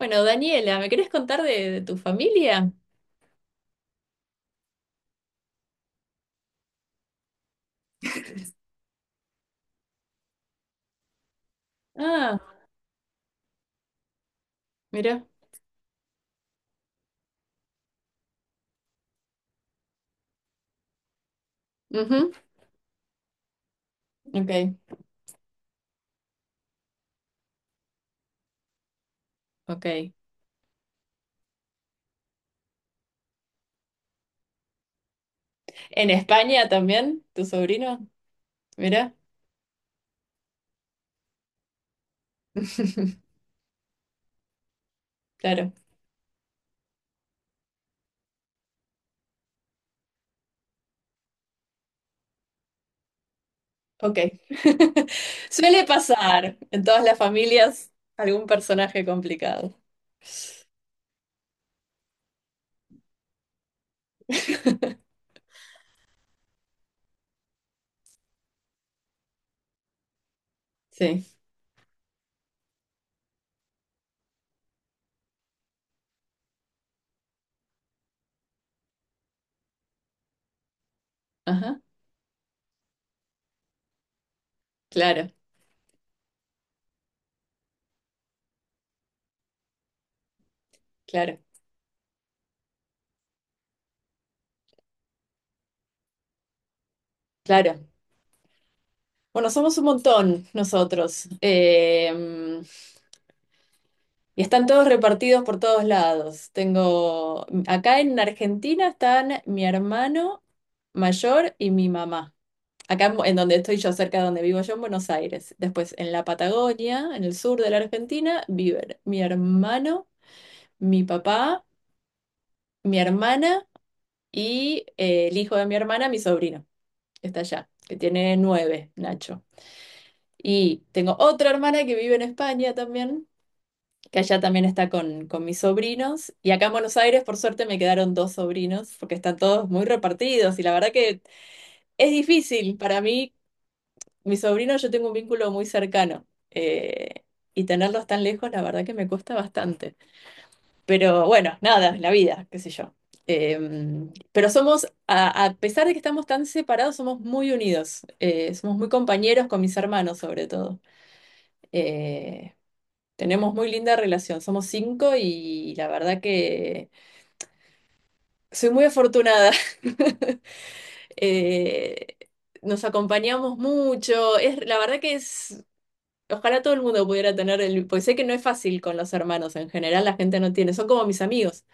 Bueno, Daniela, ¿me querés contar de tu familia? Ah, mira. Ujú, Ok, ok. ¿En España también, tu sobrino? Mira. Claro, ok. Suele pasar en todas las familias algún personaje complicado. Sí, ajá, claro, claro, claro. Bueno, somos un montón nosotros. Y están todos repartidos por todos lados. Acá en Argentina están mi hermano mayor y mi mamá. Acá en donde estoy yo, cerca de donde vivo yo, en Buenos Aires. Después en la Patagonia, en el sur de la Argentina, viven mi hermano, mi papá, mi hermana y el hijo de mi hermana, mi sobrino, que está allá, que tiene 9, Nacho. Y tengo otra hermana que vive en España también, que allá también está con mis sobrinos. Y acá en Buenos Aires, por suerte, me quedaron dos sobrinos, porque están todos muy repartidos. Y la verdad que es difícil para mí, mis sobrinos, yo tengo un vínculo muy cercano. Y tenerlos tan lejos, la verdad que me cuesta bastante. Pero bueno, nada, la vida, qué sé yo. Eh, pero somos, a pesar de que estamos tan separados, somos muy unidos. Somos muy compañeros con mis hermanos, sobre todo. Eh, tenemos muy linda relación, somos cinco y la verdad que soy muy afortunada. Eh, nos acompañamos mucho, es, la verdad que es, ojalá todo el mundo pudiera tener el, porque sé que no es fácil con los hermanos, en general la gente no tiene, son como mis amigos.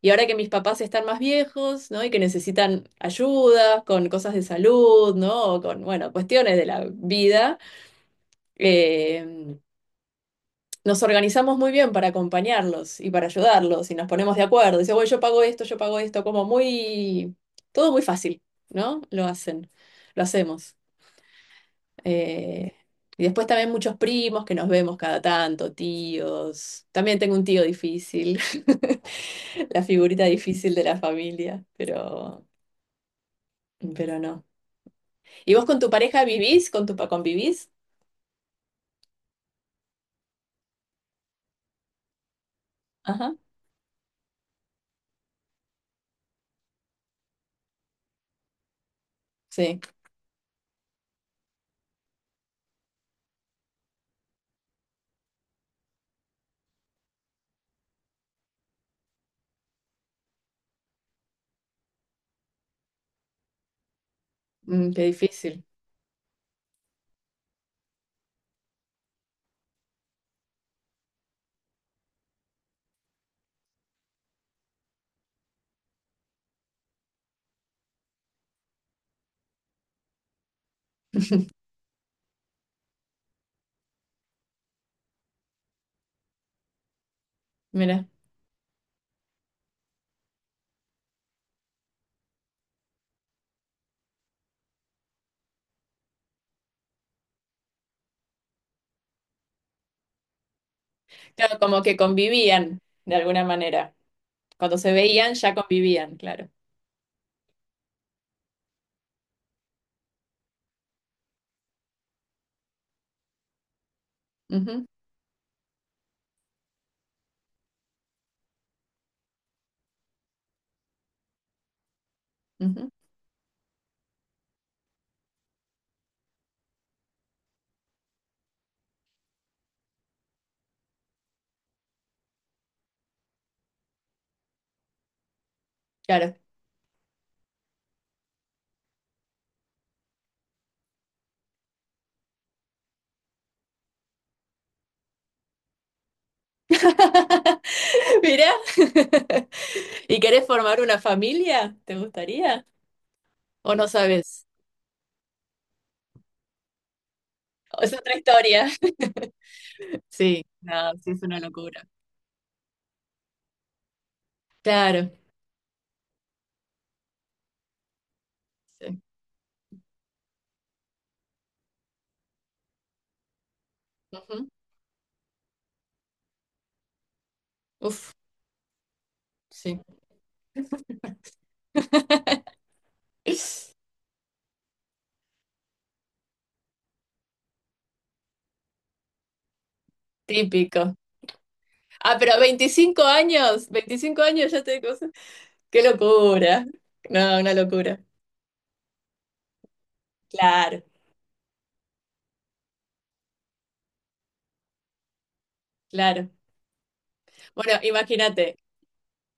Y ahora que mis papás están más viejos, ¿no? Y que necesitan ayuda con cosas de salud, ¿no? O con, bueno, cuestiones de la vida. Eh, nos organizamos muy bien para acompañarlos y para ayudarlos y nos ponemos de acuerdo. Dice, bueno, yo pago esto, como muy, todo muy fácil, ¿no? Lo hacen, lo hacemos. Eh, y después también muchos primos que nos vemos cada tanto, tíos. También tengo un tío difícil, la figurita difícil de la familia, pero no. ¿Y vos con tu pareja vivís? ¿Convivís? Ajá. Sí, qué difícil. Mira. Claro, como que convivían de alguna manera. Cuando se veían, ya convivían, claro. Ujú, ujú, claro. Mirá. ¿Y querés formar una familia? ¿Te gustaría? ¿O no sabes? Es otra historia. Sí, no, sí es una locura. Claro. Sí. Ujú. Uf, sí. Típico. Ah, pero 25 años, 25 años ya te cosas. Qué locura. No, una locura. Claro. Claro. Bueno, imagínate,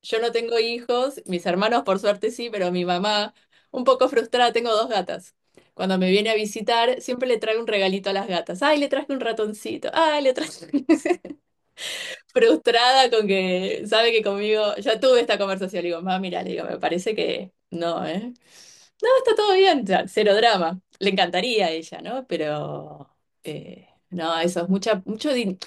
yo no tengo hijos, mis hermanos por suerte sí, pero mi mamá, un poco frustrada, tengo dos gatas. Cuando me viene a visitar, siempre le traigo un regalito a las gatas. Ay, le traje un ratoncito. Ay, le traje. Frustrada con que sabe que conmigo, ya tuve esta conversación. Le digo, mamá, mira, le digo, me parece que no, ¿eh? No, está todo bien, ya, cero drama. Le encantaría a ella, ¿no? Pero no, eso es mucha, mucho.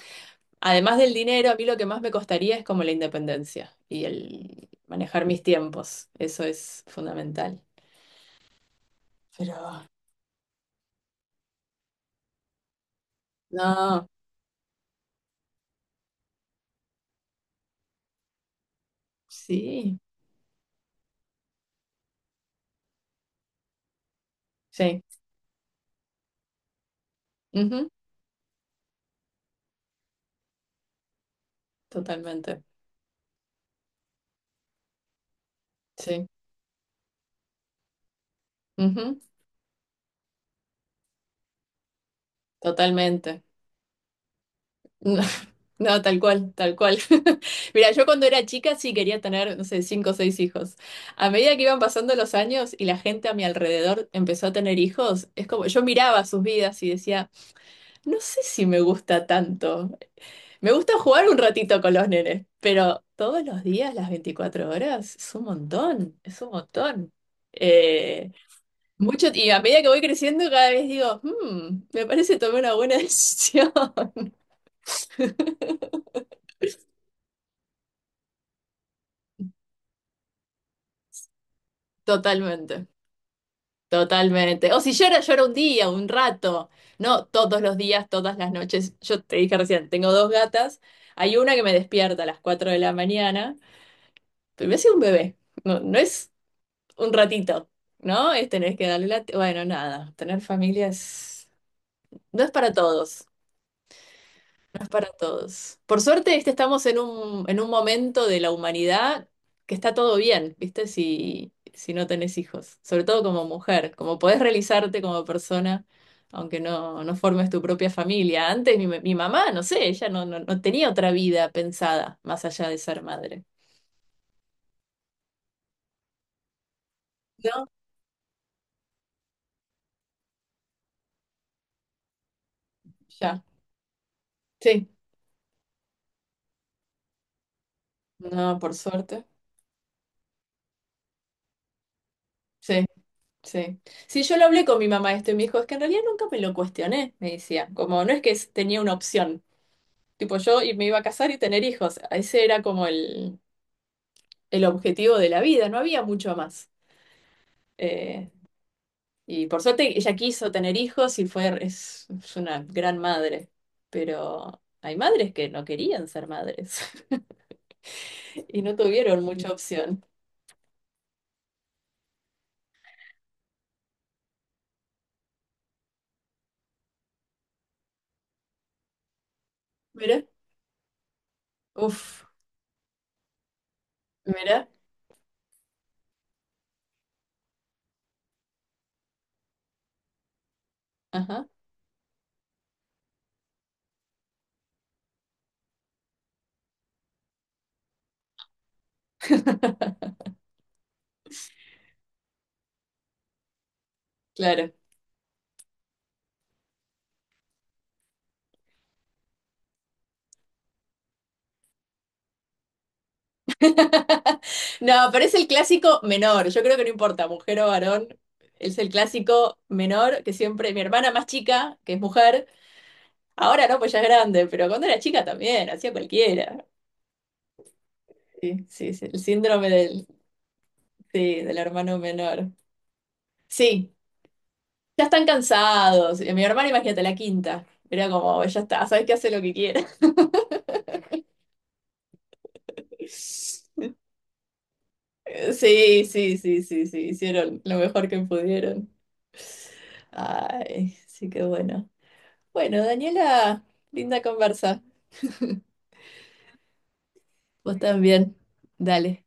Además del dinero, a mí lo que más me costaría es como la independencia y el manejar mis tiempos. Eso es fundamental. Pero, no, sí, sí, ujú, totalmente, sí, ujú, totalmente. No, no, tal cual, tal cual. Mira, yo cuando era chica sí quería tener, no sé, cinco o seis hijos. A medida que iban pasando los años y la gente a mi alrededor empezó a tener hijos, es como yo miraba sus vidas y decía, no sé si me gusta tanto. Me gusta jugar un ratito con los nenes, pero todos los días, las 24 horas, es un montón, es un montón. Eh, mucho, y a medida que voy creciendo, cada vez digo, me parece que tomé una buena decisión. Totalmente, totalmente. O si llora, llora un día, un rato. No todos los días, todas las noches. Yo te dije recién, tengo dos gatas. Hay una que me despierta a las 4 de la mañana, pero me hace un bebé. No, no es un ratito, ¿no? Es tener que darle la... Bueno, nada, tener familias no es para todos, no es para todos. Por suerte, estamos en un momento de la humanidad que está todo bien, ¿viste? Si no tenés hijos, sobre todo como mujer, como podés realizarte como persona. Aunque no, no formes tu propia familia. Antes mi mamá, no sé, ella no tenía otra vida pensada más allá de ser madre. No, ya. Sí, no, por suerte. Sí. Sí. Sí, yo lo hablé con mi mamá esto y me dijo, es que en realidad nunca me lo cuestioné, me decía. Como no es que tenía una opción. Tipo, yo y me iba a casar y tener hijos. Ese era como el objetivo de la vida, no había mucho más. Eh, y por suerte ella quiso tener hijos y fue, es una gran madre. Pero hay madres que no querían ser madres y no tuvieron mucha opción. Mira, uff, mira, ajá, claro. No, pero es el clásico menor. Yo creo que no importa, mujer o varón. Es el clásico menor que siempre. Mi hermana más chica, que es mujer, ahora no, pues ya es grande, pero cuando era chica también, hacía cualquiera. Sí, sí, sí, el síndrome del, sí, del hermano menor. Sí, ya están cansados. Y mi hermana, imagínate, la quinta. Era como, ya está, sabes que hace lo que quiera. Sí, sí, sí, sí, sí, hicieron lo mejor que pudieron. Ay, sí, que bueno. Bueno, Daniela, linda conversa. Vos también. Dale.